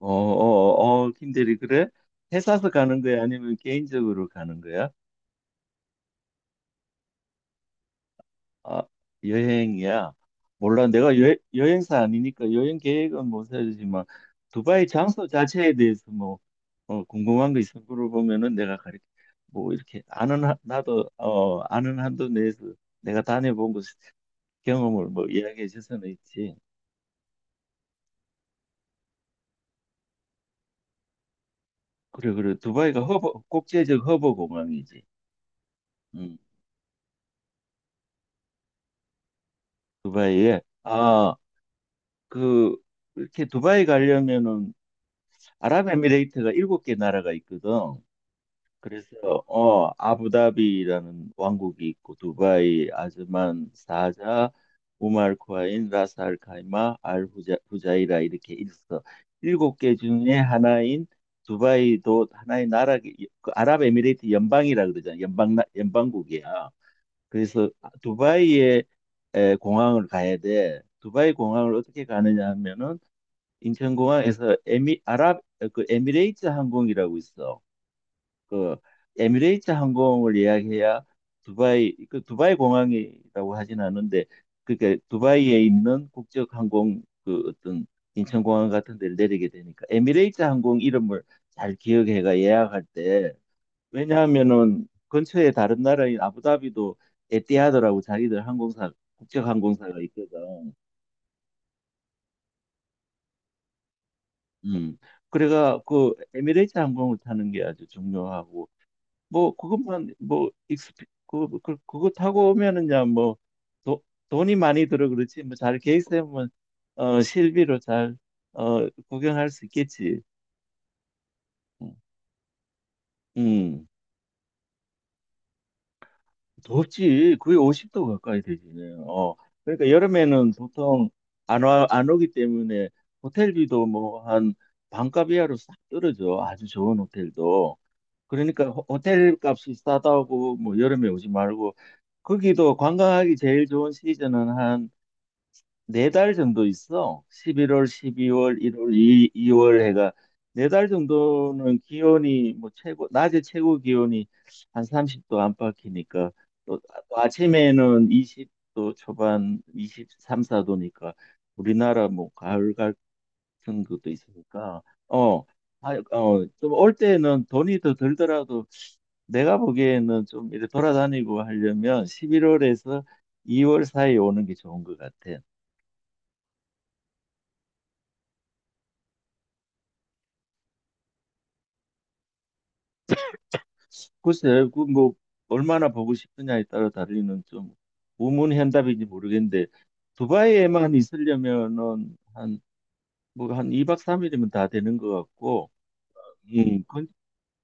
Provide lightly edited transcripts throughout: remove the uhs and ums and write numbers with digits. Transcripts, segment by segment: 어, 김대리, 그래? 회사에서 가는 거야? 아니면 개인적으로 가는 거야? 아, 여행이야? 몰라. 내가 여행사 아니니까 여행 계획은 못 세우지만, 두바이 장소 자체에 대해서 뭐, 궁금한 거 있으면 물어보면은 내가 가르쳐, 뭐, 이렇게 아는, 나도, 아는 한도 내에서 내가 다녀본 곳 경험을 뭐 이야기해 줄 수는 있지. 그래, 그래. 두바이가 허브, 국제적 허브 공항이지. 음, 두바이에. 아, 그 이렇게 두바이 가려면은 아랍에미레이트가 일곱 개 나라가 있거든. 그래서 아부다비라는 왕국이 있고 두바이, 아즈만, 사자, 우말 쿠아인, 라스 알 카이마, 알 후자, 후자이라 이렇게 있어. 일곱 개 중에 하나인 두바이도 하나의 나라, 그 아랍에미레이트 연방이라 그러잖아. 연방국이야. 그래서 두바이에 공항을 가야 돼. 두바이 공항을 어떻게 가느냐 하면은 인천공항에서 그 에미레이트 항공이라고 있어. 그 에미레이트 항공을 예약해야 두바이 공항이라고 하진 않은데 그게 두바이에 있는 국적 항공 그 어떤 인천공항 같은 데를 내리게 되니까 에미레이트 항공 이름을 잘 기억해가 예약할 때. 왜냐하면은 근처에 다른 나라인 아부다비도 에티하드라고 자기들 항공사 국적 항공사가 있거든. 음. 그래가 그 에미레이트 항공을 타는 게 아주 중요하고 뭐 그것만 뭐 익스피 그, 그 그거 타고 오면은야 뭐 도, 돈이 많이 들어 그렇지 뭐 잘 계획세우면 실비로 잘 구경할 수 있겠지. 음. 음. 덥지. 거의 50도 가까이 되지. 어. 그러니까 여름에는 보통 안 오기 때문에 호텔비도 뭐 한 반값 이하로 싹 떨어져. 아주 좋은 호텔도. 그러니까 호텔 값이 싸다고 뭐 여름에 오지 말고 거기도 관광하기 제일 좋은 시즌은 한 네 달 정도 있어. 11월, 12월, 1월, 이월 해가 네 달 정도는 기온이 뭐 최고 낮에 최고 기온이 한 30도 안팎이니까 또, 또 아침에는 20도 초반 23, 4도니까 우리나라 뭐 가을 같은 것도 있으니까 어, 좀 올 때는 돈이 더 들더라도 내가 보기에는 좀 이렇게 돌아다니고 하려면 11월에서 2월 사이에 오는 게 좋은 것 같아. 글쎄, 그뭐 얼마나 보고 싶느냐에 따라 다르는 좀 우문현답인지 모르겠는데 두바이에만 있으려면은 한 뭐 한 2박 3일이면 다 되는 것 같고, 음, 근,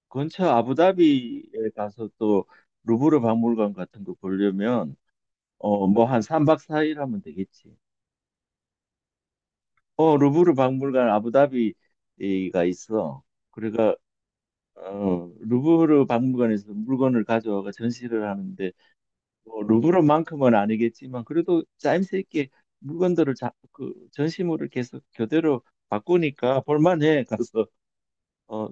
근처 아부다비에 가서 또 루브르 박물관 같은 거 보려면 뭐 한 3박 4일 하면 되겠지. 루브르 박물관 아부다비가 있어. 그래가 루브르 박물관에서 물건을 가져와가 전시를 하는데 뭐 루브르만큼은 아니겠지만 그래도 짜임새 있게 물건들을 자, 그 전시물을 계속 교대로 바꾸니까 볼만해 가서. 어,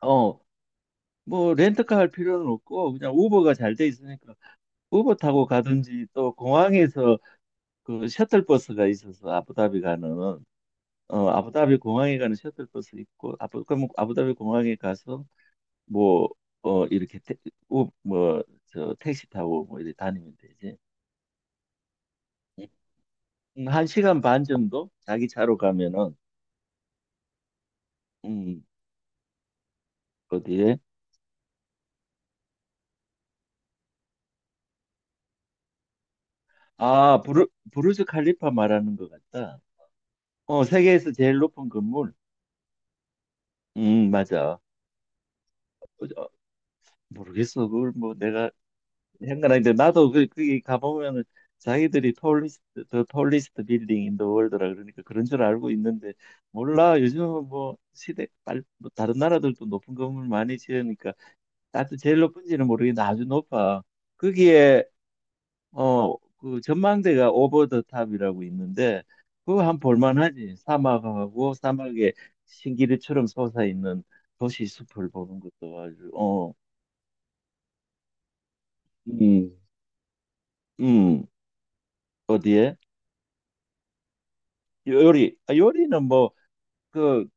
어, 뭐 렌트카 할 필요는 없고 그냥 우버가 잘 돼 있으니까 우버 타고 가든지 또 공항에서 그 셔틀버스가 있어서 아부다비 가는, 아부다비 공항에 가는 셔틀버스 있고 아부 그럼 아부다비 공항에 가서 뭐 이렇게 태, 우, 뭐저 택시 타고 뭐 이렇게 다니면 되지. 한 시간 반 정도 자기 차로 가면은. 음 어디에? 아 부르즈 칼리파 말하는 것 같다. 세계에서 제일 높은 건물. 음, 맞아. 어, 저, 모르겠어. 그걸 뭐 내가 현관인데 나도 그 거기 가보면은 자기들이 톨리스트 더 톨리스트 빌딩 인더 월드라 그러니까 그런 줄 알고 있는데 몰라. 요즘은 뭐 시대 빨 뭐 다른 나라들도 높은 건물 많이 지으니까 나도 제일 높은지는 모르겠는데 아주 높아 거기에. 그 전망대가 오버 더 탑이라고 있는데 그거 한 볼만하지. 사막하고, 사막에 신기루처럼 솟아 있는 도시 숲을 보는 것도 아주. 음. 음. 어디에? 요리. 아, 요리는 뭐, 그,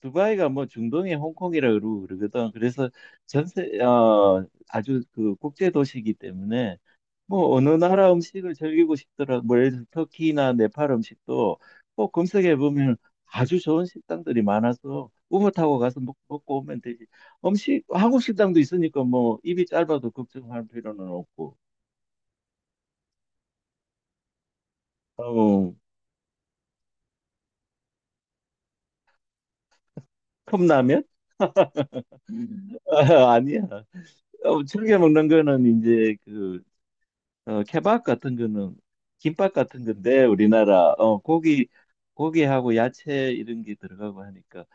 두바이가 뭐 중동의 홍콩이라 그러고 그러거든. 그래서 아주 그 국제 도시이기 때문에 뭐 어느 나라 음식을 즐기고 싶더라도 뭐 예를 들어 터키나 네팔 음식도 꼭 검색해 보면 아주 좋은 식당들이 많아서 우버 타고 가서 먹고 오면 되지. 한국 식당도 있으니까 뭐 입이 짧아도 걱정할 필요는 없고. 어, 컵라면? 아, 아니야. 즐겨 먹는 거는 이제 그 케밥 같은 거는 김밥 같은 건데 우리나라 고기하고 야채 이런 게 들어가고 하니까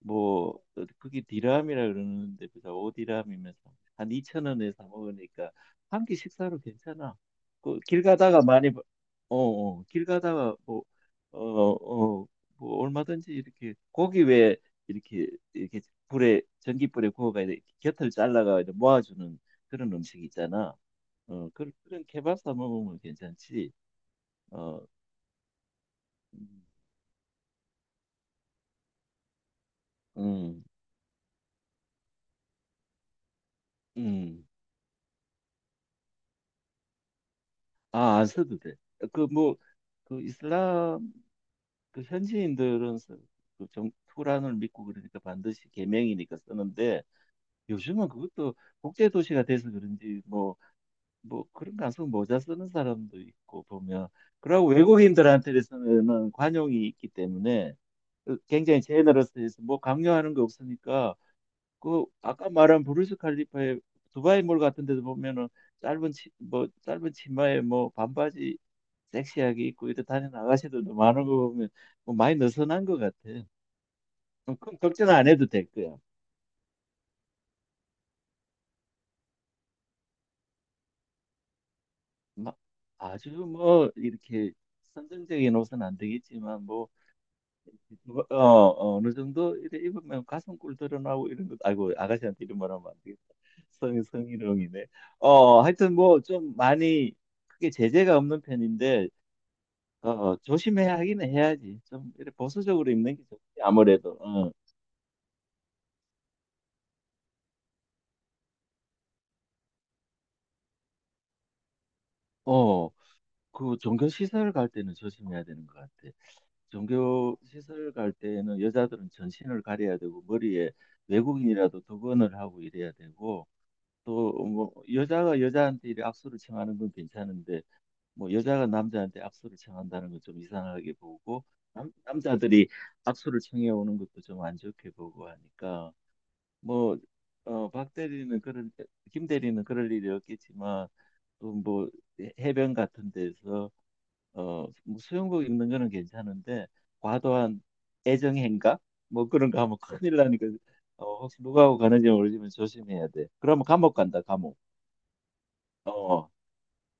뭐 그게 디람이라 그러는데 보자 오 디람이면 한 2천 원에 사 먹으니까 한끼 식사로 괜찮아. 그 길 가다가 많이 길 가다가 뭐 어, 어, 뭐 얼마든지 이렇게 고기 왜 이렇게 이렇게 불에 전기불에 구워가 이렇게 곁을 잘라가 이렇게 모아주는 그런 음식 있잖아. 그런 케밥 사 먹으면 괜찮지. 어, 음, 음. 음. 아, 안 써도 돼. 그 뭐 그 이슬람 그 현지인들은 투란을 믿고 그러니까 반드시 계명이니까 쓰는데 요즘은 그것도 국제 도시가 돼서 그런지 뭐 그런 가수 모자 쓰는 사람도 있고 보면 그러고 외국인들한테서는 관용이 있기 때문에 그 굉장히 제너러스해서 뭐 강요하는 거 없으니까 그 아까 말한 부르스 칼리파의 두바이몰 같은 데도 보면은 뭐 짧은 치마에 뭐 반바지 섹시하게 입고 이렇게 다니는 아가씨들도 많은 거 보면 뭐 많이 느슨한 것 같아. 그럼 걱정 안 해도 될 거야. 막 아주 뭐 이렇게 선정적인 옷은 안 되겠지만 뭐 누가- 어, 어느 정도 이렇 입으면 가슴골 드러나고 이런 것. 아이고 아가씨한테 이런 말하면 안 되겠다. 성희롱이네. 하여튼 뭐 좀 많이 크게 제재가 없는 편인데 조심해야 하긴 해야지. 좀 이렇게 보수적으로 입는 게 좋지, 아무래도. 어, 그 종교 시설 갈 때는 조심해야 되는 것 같아. 종교 시설 갈 때는 여자들은 전신을 가려야 되고 머리에 외국인이라도 두건을 하고 이래야 되고 또 뭐 여자가 여자한테 이렇게 악수를 청하는 건 괜찮은데 뭐 여자가 남자한테 악수를 청한다는 건 좀 이상하게 보고 남자들이 악수를 청해 오는 것도 좀 안 좋게 보고 하니까 뭐, 어, 박 대리는 그럴, 김 대리는 그럴 일이 없겠지만, 또 뭐 해변 같은 데서, 뭐 수영복 입는 거는 괜찮은데, 과도한 애정 행각? 뭐 그런 거 하면 큰일 나니까, 혹시 누구하고 가는지 모르지만 조심해야 돼. 그러면 감옥 간다, 감옥. 어,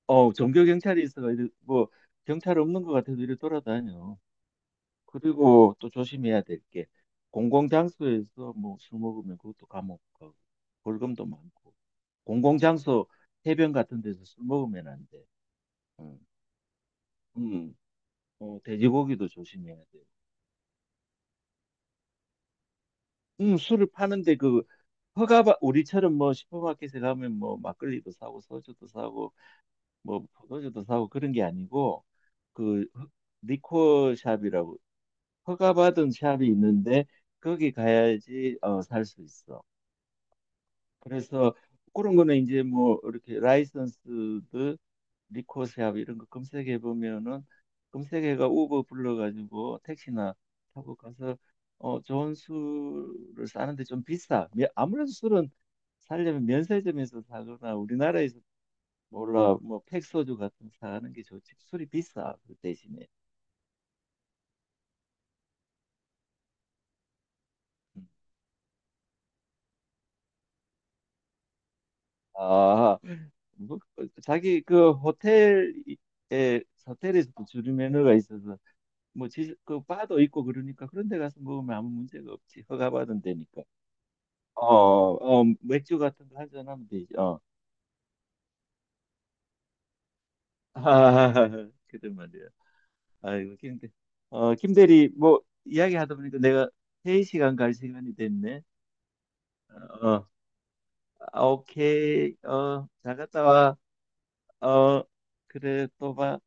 종교 경찰이 있어가 이래, 뭐, 경찰 없는 것 같아도 이래 돌아다녀. 그리고 또 조심해야 될 게, 공공장소에서 뭐 술 먹으면 그것도 감옥 가고, 벌금도 많고. 공공장소 해변 같은 데서 술 먹으면 안 돼. 음, 음, 돼지고기도 조심해야 돼. 술을 파는데 그 허가 받 우리처럼 뭐 슈퍼마켓에 가면 뭐 막걸리도 사고 소주도 사고 뭐 포도주도 사고 그런 게 아니고 그 리코어 샵이라고 허가받은 샵이 있는데 거기 가야지 살 수 있어. 그래서 그런 거는 이제 뭐 이렇게 라이선스드 리코세압 이런 거 검색해 보면은 검색해가 우버 불러가지고 택시나 타고 가서 좋은 술을 사는데 좀 비싸. 아무래도 술은 사려면 면세점에서 사거나 우리나라에서 몰라 뭐 팩소주 같은 거 사는 게 좋지. 술이 비싸 그 대신에. 음. 아, 뭐, 자기 그 호텔에서도 주류 매너가 있어서 뭐, 바도 있고 그러니까 그런 데 가서 먹으면 아무 문제가 없지. 허가받은 데니까. 맥주 같은 거 한잔하면 되지. 어. 아, 그래 말이야. 아이고, 김 대리, 뭐, 이야기 하다 보니까 내가 회의 시간 갈 시간이 됐네. 어, 오케이. 잘 갔다 와. 어, 그래, 또 봐.